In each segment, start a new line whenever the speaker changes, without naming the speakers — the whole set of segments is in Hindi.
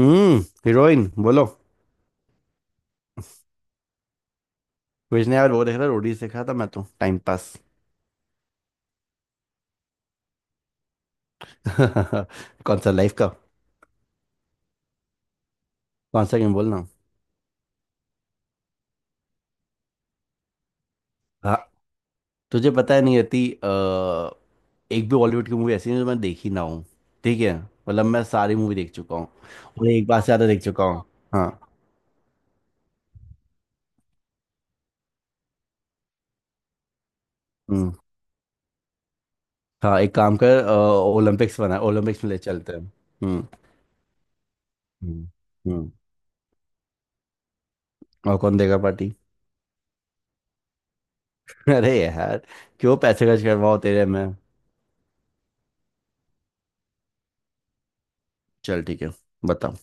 हम्म। हीरोइन बोलो। कुछ नहीं यार, वो देख रहा रोडीज देख रहा था, मैं तो टाइम पास। कौन सा लाइफ का। कौन सा गेम बोलना। हाँ। तुझे पता है नहीं आती। एक भी बॉलीवुड की मूवी ऐसी नहीं जो मैं देखी ना हूँ। ठीक है, मतलब मैं सारी मूवी देख चुका हूँ। और एक बार से ज्यादा देख चुका हूँ। हाँ। हम्म। हाँ, एक काम कर। ओलंपिक्स बना, ओलंपिक्स में ले चलते हैं। हम्म। हम्म। हम्म। और कौन देगा पार्टी? अरे यार। क्यों पैसे खर्च करवाओ तेरे में? चल ठीक है। बता।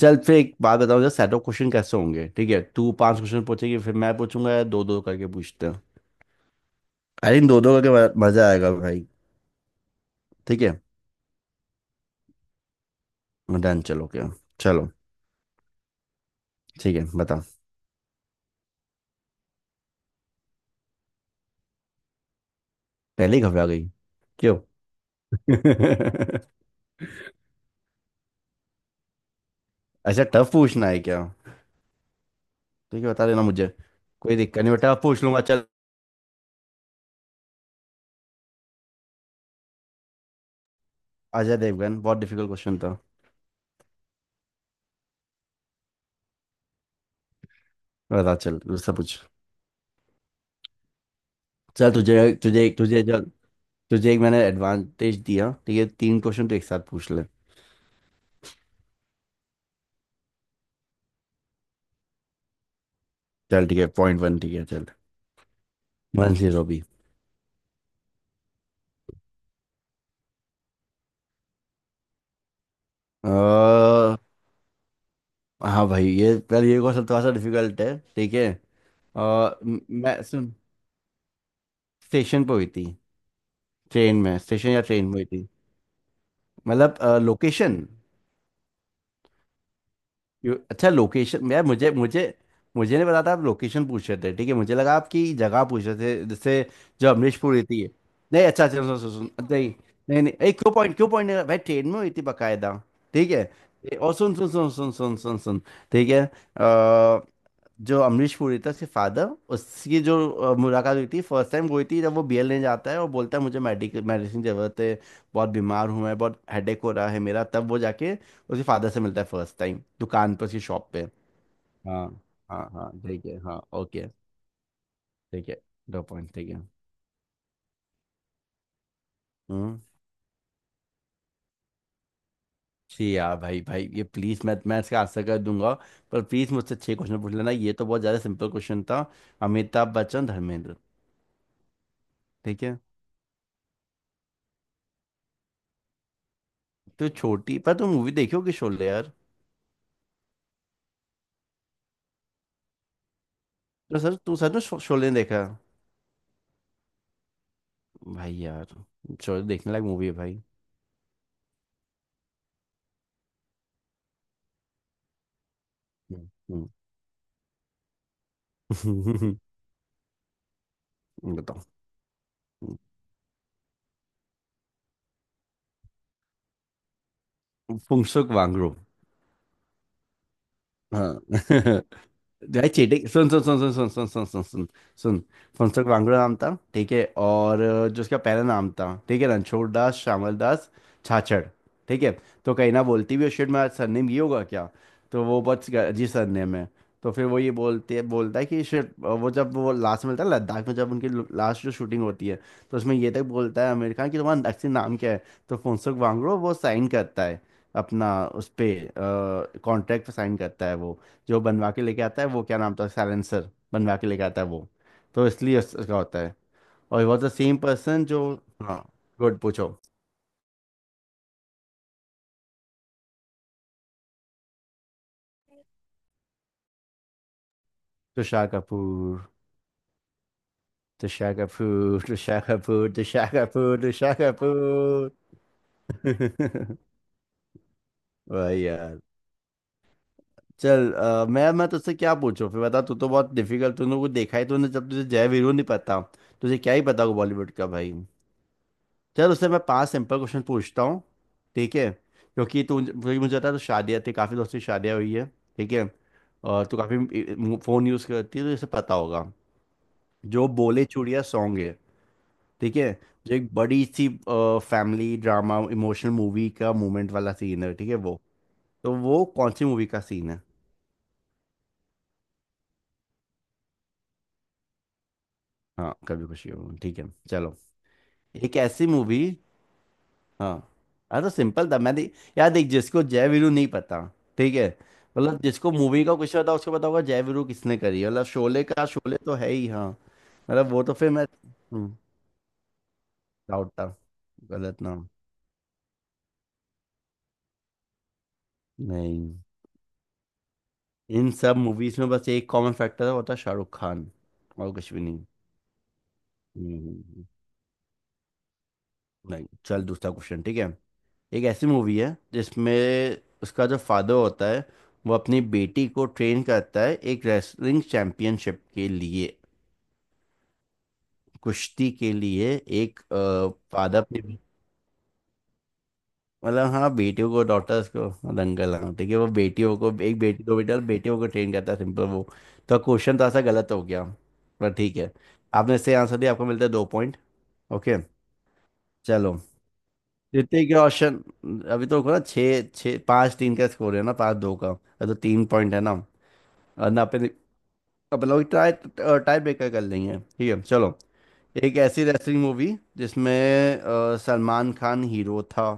चल फिर एक बात बताओ, जरा सेट ऑफ क्वेश्चन कैसे होंगे, ठीक है। तू पांच क्वेश्चन पूछेगी फिर मैं पूछूंगा, या दो दो करके पूछते हैं? आई थिंक दो दो करके। मजा आएगा भाई। ठीक है। डन, चलो क्या। चलो। ठीक है, बता। पहले ही घबरा गई। क्यों? अच्छा, टफ पूछना है क्या? ठीक है, बता देना मुझे। कोई दिक्कत नहीं बेटा, पूछ लूंगा, चल। अजय देवगन। बहुत डिफिकल्ट क्वेश्चन था। बता, चल दूसरा पूछ। चल तुझे तुझे तुझे चल। तुझे एक मैंने एडवांटेज दिया, ठीक है, तीन क्वेश्चन तो एक साथ पूछ ले। चल ठीक है, पॉइंट वन, ठीक है चल। One zero. अ, हाँ भाई ये। यार ये क्वेश्चन थोड़ा सा डिफिकल्ट है, ठीक है। अ, मैं सुन। स्टेशन पे हुई थी। ट्रेन में। स्टेशन या ट्रेन में हुई थी? मतलब लोकेशन। अच्छा लोकेशन, यार मुझे मुझे। मुझे नहीं पता था आप लोकेशन पूछ रहे थे, ठीक है, मुझे लगा आपकी जगह पूछ रहे थे जैसे। जो अमरीशपुर हुई थी। नहीं अच्छा अच्छा, सुन सुन सुन, नहीं। नहीं नहीं एक, क्यों पॉइंट, क्यों पॉइंट नहीं, भाई ट्रेन में हुई थी बकायदा। ठीक है। ए, और सुन सुन सुन सुन सुन सुन सुन। ठीक है। जो अमरीश पुरी था उसके फादर। उसकी जो मुलाकात हुई थी, फर्स्ट टाइम हुई थी जब वो बीएल लेने जाता है और बोलता है मुझे मेडिकल मेडिसिन की जरूरत है। बहुत बीमार हूं मैं, बहुत हेडेक हो रहा है मेरा, तब वो जाके उसके फादर से मिलता है, फर्स्ट टाइम दुकान पर, उसकी शॉप पे। हाँ हाँ। हाँ ठीक है, हाँ ओके। ठीक है। दो पॉइंट, ठीक है। हम्म। जी यार, भाई भाई ये प्लीज, मैं इसका आंसर कर दूंगा। पर प्लीज मुझसे छह क्वेश्चन पूछ लेना, ये तो बहुत ज्यादा सिंपल क्वेश्चन था। अमिताभ बच्चन, धर्मेंद्र। ठीक है। तो छोटी पर तुम मूवी देखी होगी शोले, यार। तो सर, तू सर ने शोले देखा? भाई यार। शोले देखने लायक मूवी है भाई। हम्म। हम्म। बताओ। फुंसुक वांगडू। हाँ। भाई चीटिंग, सुन सुन सुन सुन सुन सुन सुन सुन सुन सुन। फुनसुक वांगड़ू नाम था, ठीक है, और जो उसका पहला नाम था, ठीक है, रणछोड़ दास श्यामल दास छाछड़। ठीक है। तो कहीं ना बोलती भी शिट मेरा सरनेम ये होगा क्या? तो वो बहुत अजीब सरनेम है। तो फिर वो ये बोलते है बोलता है कि शिट, वो जब वो लास्ट में मिलता है लद्दाख में, जब उनकी लास्ट जो शूटिंग होती है, तो उसमें ये तक बोलता है अमेरिका कि तुम्हारा असली नाम क्या है। तो फुनसुक वांगड़ू वो साइन करता है अपना, उस पे कॉन्ट्रैक्ट पे साइन करता है वो, जो बनवा के लेके आता है वो, क्या नाम था, साइलेंसर बनवा के लेके आता है वो। तो इसलिए उसका होता है। और वॉज द सेम पर्सन जो। हाँ। गुड, पूछो। तुषार कपूर, तुषार कपूर, तुषार कपूर, तुषार कपूर, तुषार कपूर। भाई यार। चल मैं तुझसे क्या पूछूं फिर बता, तू तो बहुत डिफिकल्ट, तूने कुछ देखा ही, तूने जब तुझे जय वीरू नहीं पता, तुझे क्या ही पता होगा बॉलीवुड का भाई। चल उससे मैं पांच सिंपल क्वेश्चन पूछता हूँ, ठीक है, क्योंकि तू क्योंकि मुझे पता है तो शादियाँ थी, काफ़ी दोस्तों की शादियाँ हुई है, ठीक है। और तू काफ़ी फ़ोन यूज़ करती है तो इसे पता होगा, जो बोले चूड़िया सॉन्ग है, ठीक है, जो एक बड़ी सी फैमिली ड्रामा इमोशनल मूवी का मूवमेंट वाला सीन है, ठीक है वो, तो वो कौन सी मूवी का सीन है? हाँ कभी खुशी हो, ठीक है। चलो। एक ऐसी मूवी। हाँ। हाँ तो सिंपल था यार देख, जिसको जय वीरू नहीं पता, ठीक है, मतलब जिसको मूवी का कुछ पता उसको पता होगा जय वीरू किसने करी है, मतलब शोले का, शोले तो है ही, हाँ। मतलब वो तो फिर मैं। डाउट था, गलत नाम। नहीं। इन सब मूवीज में बस एक कॉमन फैक्टर है, वो था शाहरुख खान, और कुछ भी नहीं। हम्म। नहीं, चल दूसरा क्वेश्चन, ठीक है। एक ऐसी मूवी है जिसमें उसका जो फादर होता है वो अपनी बेटी को ट्रेन करता है, एक रेसलिंग चैंपियनशिप के लिए, कुश्ती के लिए। एक फादर पे मतलब हाँ बेटियों को, डॉटर्स को, दंगल, हाँ ठीक है, वो बेटियों को, एक बेटी, दो बेटा, बेटियों को ट्रेन करता है, सिंपल वो। तो क्वेश्चन थोड़ा सा गलत हो गया, पर ठीक है। आपने सही आंसर दिया, आपको मिलता है दो पॉइंट। ओके। चलो। जीतने के ऑप्शन। अभी तो रुको ना, छः छः पाँच तीन का स्कोर है ना, पाँच दो का, अरे तो तीन पॉइंट है ना। और ना अपन अपन लोग ट्राई टाई ब्रेकर कर लेंगे, ठीक है चलो। एक ऐसी रेसलिंग मूवी जिसमें सलमान खान हीरो था।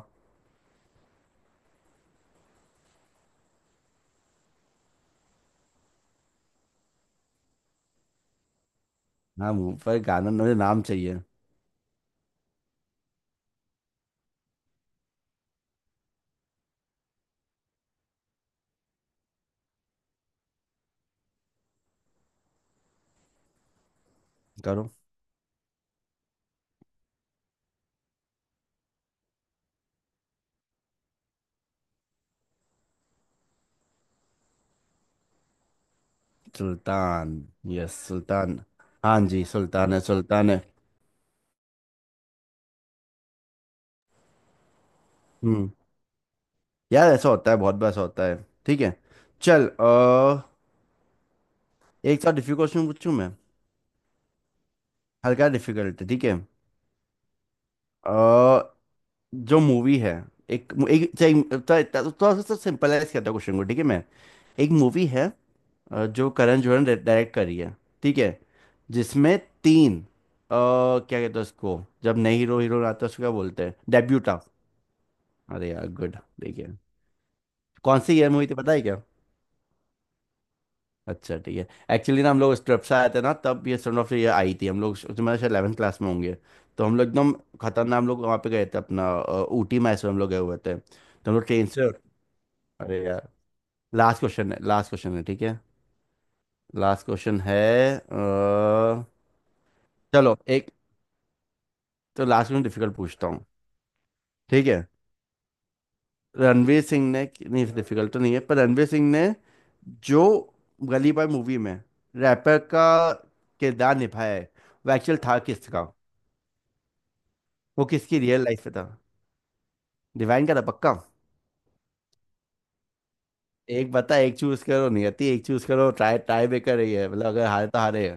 हाँ मुंह पर गाना, मुझे नाम चाहिए। करो। सुल्तान। यस सुल्तान। हाँ जी, सुल्तान है, सुल्तान है। हम्म। यार ऐसा होता है, बहुत बार ऐसा होता है। ठीक है। चल एक साथ डिफिकल्ट क्वेश्चन पूछूं मैं। हल्का डिफिकल्ट, ठीक है। अ, जो मूवी है एक एक थोड़ा सा सिंपलाइज करता हूँ क्वेश्चन को, ठीक है मैं। एक मूवी है, जो करण जोहर ने डायरेक्ट करी है, ठीक है, जिसमें तीन, क्या कहते हैं उसको जब नए हीरो हीरो आता है, उसको क्या बोलते हैं डेब्यूटा। अरे यार गुड, देखिए। कौन सी ईयर मूवी थी पता है क्या? अच्छा ठीक है। एक्चुअली ना हम लोग उस ट्रिप से आए थे ना, तब ये सन ऑफ ईयर आई थी, हम लोग तुम्हारे शायद 11th क्लास में होंगे। तो हम लोग एकदम खतरनाक, हम लोग वहाँ पे गए थे अपना, ऊटी मैसूर हम लोग गए हुए थे, तो हम लोग ट्रेन से। अरे यार, लास्ट क्वेश्चन है, लास्ट क्वेश्चन है, ठीक है। लास्ट क्वेश्चन है। अ, चलो एक, तो लास्ट में डिफिकल्ट पूछता हूँ, ठीक है। रणवीर सिंह ने, नहीं डिफिकल्ट तो नहीं है, पर रणवीर सिंह ने जो गली बॉय मूवी में रैपर का किरदार निभाया है, वो एक्चुअल था किसका, वो किसकी रियल लाइफ में था? डिवाइन का था पक्का। एक बता, एक चूज करो नियति, एक चूज करो, ट्राई ट्राई भी कर रही है, मतलब अगर हारे तो हारे है।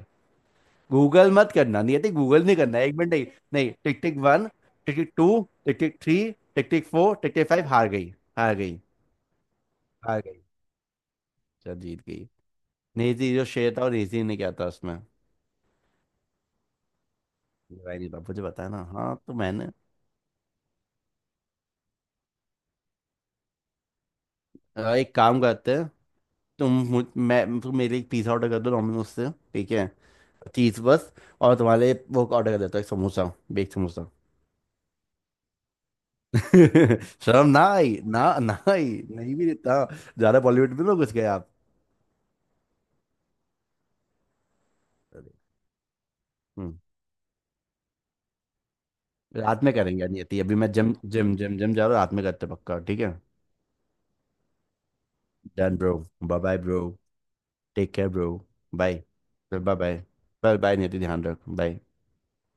गूगल मत करना नियति, गूगल नहीं करना, एक मिनट नहीं। नहीं tick tick one, tick tick two, tick tick three, tick tick four, tick tick five, हार गई, हार गई, हार गई। चल, जीत गई। नेजी जो शेर था, और नेजी ने क्या था उसमें? भाई नहीं था, मुझे बताया ना, हाँ तो मैंने। एक काम करते हैं, तुम मुझ मैं, तुम मेरे लिए एक पिज़्ज़ा ऑर्डर कर दो डोमिनोज से, ठीक है, चीज़ बस। और तुम्हारे लिए वो ऑर्डर कर देता हूँ एक समोसा, बेक समोसा। शर्म ना आई, ना ना आई, नहीं भी देता, ज़्यादा बॉलीवुड में ना घुस गए आप। हम्म। रात में करेंगे, यानी ये अभी मैं जिम जिम जिम जिम जा रहा हूँ, रात में करते हैं पक्का, ठीक है। Done bro. Bye bye bro. Take care bro. Bye. Bye bye. Bye bye Niyati, ध्यान रख, बाय।